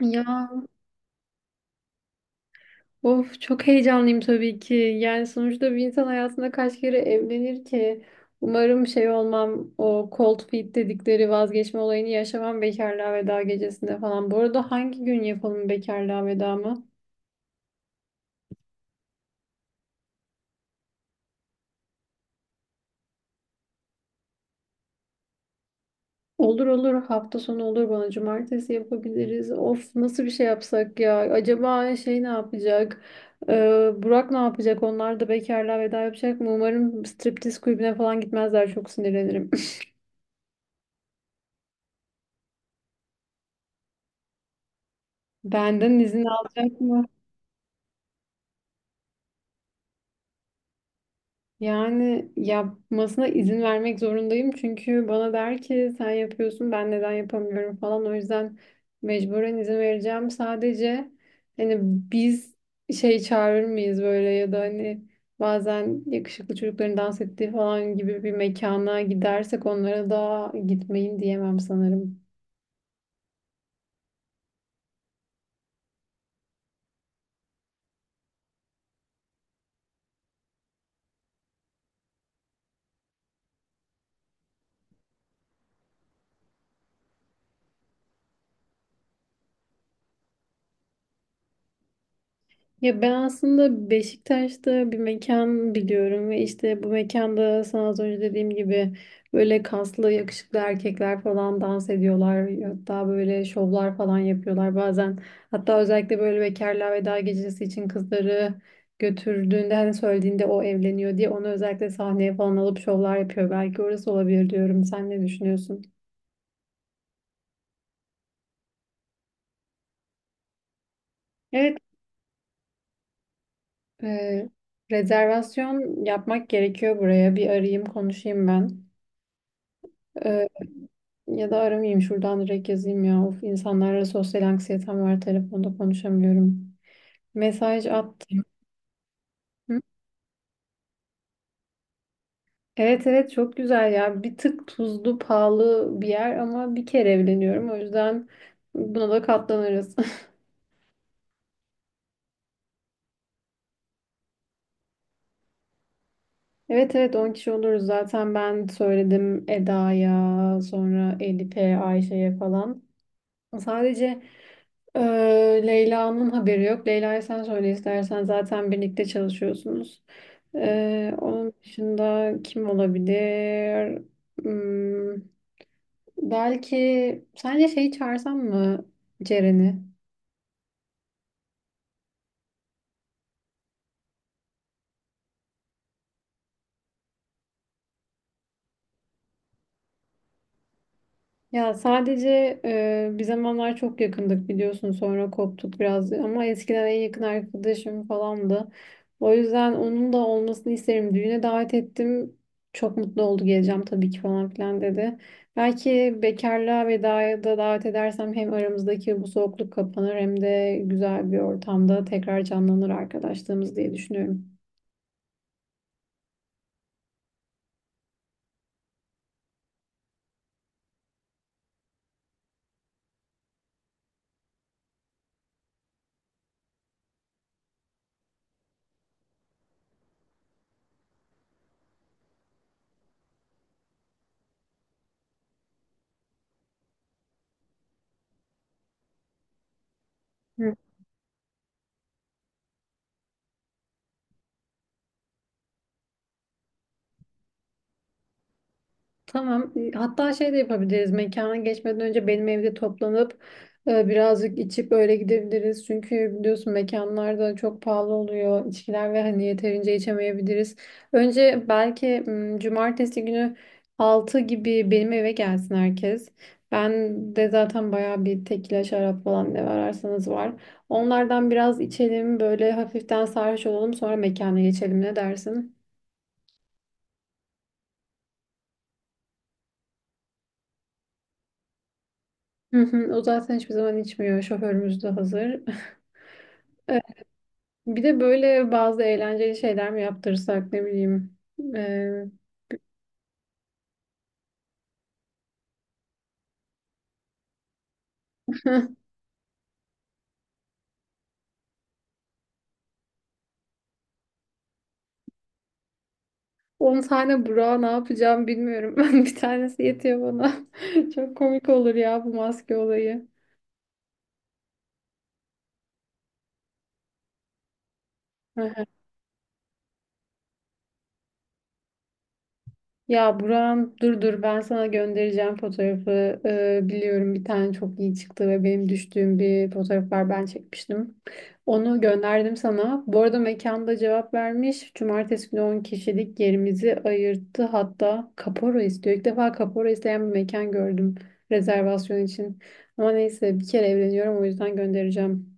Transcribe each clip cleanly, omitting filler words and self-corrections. Ya of çok heyecanlıyım tabii ki. Yani sonuçta bir insan hayatında kaç kere evlenir ki? Umarım şey olmam, o cold feet dedikleri vazgeçme olayını yaşamam bekarlığa veda gecesinde falan. Bu arada hangi gün yapalım bekarlığa veda mı? Olur olur, hafta sonu olur, bana cumartesi yapabiliriz. Of, nasıl bir şey yapsak ya? Acaba şey ne yapacak? Burak ne yapacak? Onlar da bekarlığa veda yapacak mı? Umarım striptiz kulübüne falan gitmezler, çok sinirlenirim. Benden izin alacak mı? Yani yapmasına izin vermek zorundayım, çünkü bana der ki sen yapıyorsun ben neden yapamıyorum falan, o yüzden mecburen izin vereceğim. Sadece hani biz şey çağırır mıyız böyle, ya da hani bazen yakışıklı çocukların dans ettiği falan gibi bir mekana gidersek onlara da gitmeyin diyemem sanırım. Ya ben aslında Beşiktaş'ta bir mekan biliyorum ve işte bu mekanda sana az önce dediğim gibi böyle kaslı yakışıklı erkekler falan dans ediyorlar. Hatta böyle şovlar falan yapıyorlar bazen. Hatta özellikle böyle bekarlığa veda gecesi için kızları götürdüğünde, hani söylediğinde o evleniyor diye, onu özellikle sahneye falan alıp şovlar yapıyor. Belki orası olabilir diyorum. Sen ne düşünüyorsun? Evet, e, rezervasyon yapmak gerekiyor buraya. Bir arayayım konuşayım ben. Ya da aramayayım, şuradan direkt yazayım ya. Of, insanlarla sosyal anksiyetem var. Telefonda konuşamıyorum. Mesaj attım. Hı? Evet, evet, çok güzel ya. Bir tık tuzlu pahalı bir yer ama bir kere evleniyorum. O yüzden buna da katlanırız. Evet, evet, 10 kişi oluruz zaten, ben söyledim Eda'ya, sonra Elif'e, Ayşe'ye falan. Sadece Leyla'nın haberi yok. Leyla'ya sen söyle istersen, zaten birlikte çalışıyorsunuz. Onun dışında kim olabilir? Hmm, belki sence şeyi çağırsam mı, Ceren'i? Ya sadece bir zamanlar çok yakındık biliyorsun, sonra koptuk biraz ama eskiden en yakın arkadaşım falandı. O yüzden onun da olmasını isterim. Düğüne davet ettim. Çok mutlu oldu, geleceğim tabii ki falan filan dedi. Belki bekarlığa vedaya da davet edersem hem aramızdaki bu soğukluk kapanır hem de güzel bir ortamda tekrar canlanır arkadaşlığımız diye düşünüyorum. Tamam. E, hatta şey de yapabiliriz. Mekana geçmeden önce benim evde toplanıp birazcık içip öyle gidebiliriz. Çünkü biliyorsun mekanlar da çok pahalı oluyor, içkiler, ve hani yeterince içemeyebiliriz. Önce belki cumartesi günü 6 gibi benim eve gelsin herkes. Ben de zaten bayağı bir tekila, şarap falan, ne ararsanız var. Onlardan biraz içelim, böyle hafiften sarhoş olalım, sonra mekana geçelim, ne dersin? Hı hı, o zaten hiçbir zaman içmiyor. Şoförümüz de hazır. Evet, bir de böyle bazı eğlenceli şeyler mi yaptırsak, ne bileyim. Ee, 10 tane Burak'a ne yapacağım bilmiyorum. Bir tanesi yetiyor bana. Çok komik olur ya bu maske olayı. Ya Buram, dur dur, ben sana göndereceğim fotoğrafı. Biliyorum bir tane çok iyi çıktı, ve benim düştüğüm bir fotoğraf var, ben çekmiştim. Onu gönderdim sana. Bu arada mekanda cevap vermiş. Cumartesi günü 10 kişilik yerimizi ayırttı. Hatta kapora istiyor. İlk defa kapora isteyen bir mekan gördüm rezervasyon için. Ama neyse, bir kere evleniyorum, o yüzden göndereceğim.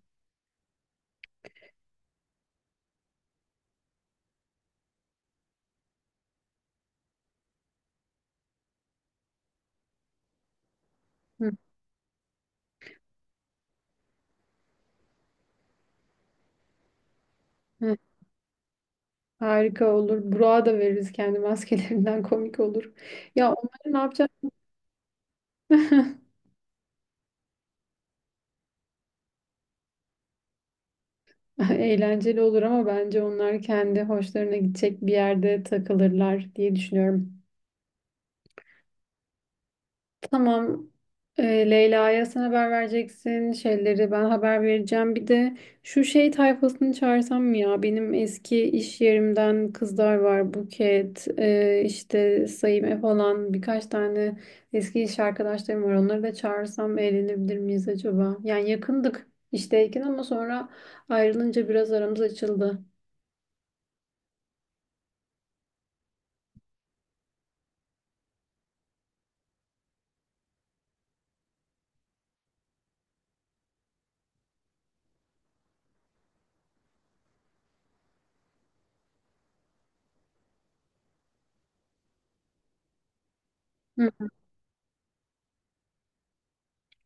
Hı, hı. Harika olur. Burak'a da veririz kendi maskelerinden, komik olur. Ya onları ne yapacağız? Eğlenceli olur ama bence onlar kendi hoşlarına gidecek bir yerde takılırlar diye düşünüyorum. Tamam. Ee, Leyla'ya sen haber vereceksin. Şeyleri ben haber vereceğim. Bir de şu şey tayfasını çağırsam mı ya? Benim eski iş yerimden kızlar var. Buket, işte Saime falan, birkaç tane eski iş arkadaşlarım var. Onları da çağırsam eğlenebilir miyiz acaba? Yani yakındık işteyken ama sonra ayrılınca biraz aramız açıldı.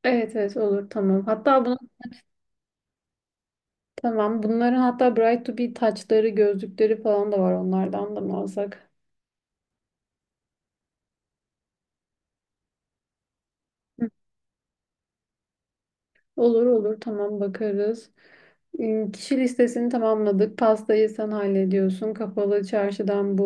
Evet, evet, olur tamam. Hatta bunu tamam. Bunların hatta Bright to be taçları, gözlükleri falan da var, onlardan da mı alsak? Hı. Olur olur tamam, bakarız. Kişi listesini tamamladık. Pastayı sen hallediyorsun. Kapalı çarşıdan bu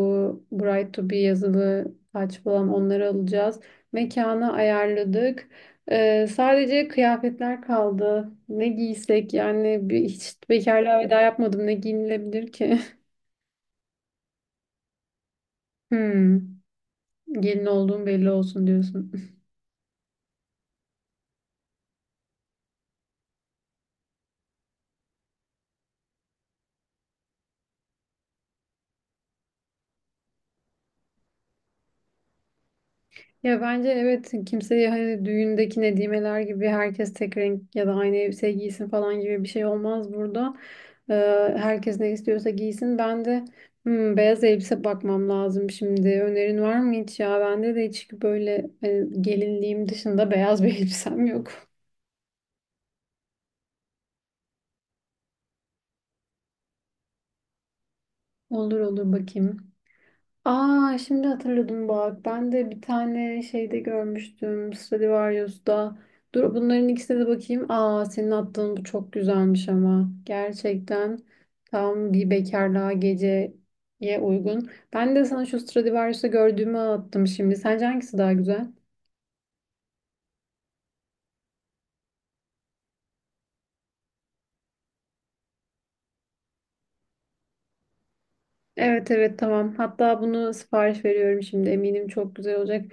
Bright to be yazılı taç falan, onları alacağız. Mekanı ayarladık. Sadece kıyafetler kaldı. Ne giysek yani, bir, hiç bekarlığa veda yapmadım. Ne giyinilebilir ki? Hmm. Gelin olduğum belli olsun diyorsun. Ya bence evet, kimseye hani düğündeki nedimeler gibi herkes tek renk ya da aynı elbise giysin falan gibi bir şey olmaz burada. Ee, Herkes ne istiyorsa giysin. Ben de hmm, beyaz elbise bakmam lazım şimdi. Önerin var mı hiç ya? Bende de hiç böyle gelinliğim dışında beyaz bir elbisem yok. Olur olur, bakayım. Aa şimdi hatırladım bak. Ben de bir tane şeyde görmüştüm. Stradivarius'ta. Dur bunların ikisine de bakayım. Aa senin attığın bu çok güzelmiş ama. Gerçekten tam bir bekarlığa geceye uygun. Ben de sana şu Stradivarius'ta gördüğümü attım şimdi. Sence hangisi daha güzel? Evet, evet, tamam. Hatta bunu sipariş veriyorum şimdi. Eminim çok güzel olacak.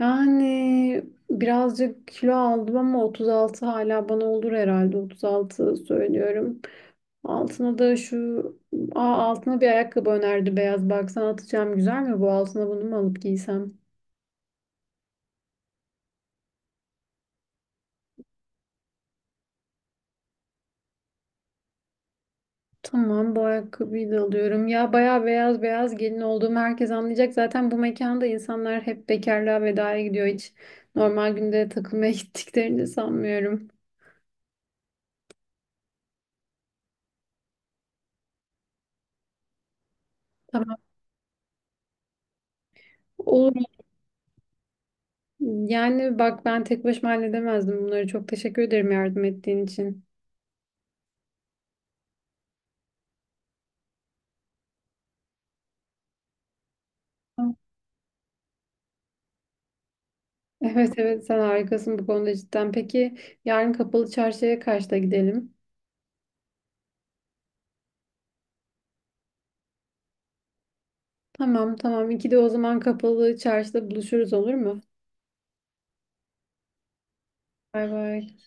Yani birazcık kilo aldım ama 36 hala bana olur herhalde. 36 söylüyorum. Altına da şu, aa, altına bir ayakkabı önerdi, beyaz. Baksana atacağım, güzel mi bu, altına bunu mu alıp giysem? Tamam, bu ayakkabıyı da alıyorum. Ya bayağı beyaz beyaz, gelin olduğumu herkes anlayacak. Zaten bu mekanda insanlar hep bekarlığa vedaya gidiyor. Hiç normal günde takılmaya gittiklerini sanmıyorum. Tamam, olur. Yani bak, ben tek başıma halledemezdim bunları. Çok teşekkür ederim yardım ettiğin için. Evet evet, sen harikasın bu konuda cidden. Peki yarın kapalı çarşıya kaçta gidelim? Tamam tamam. İkide o zaman kapalı çarşıda buluşuruz, olur mu? Bay bay.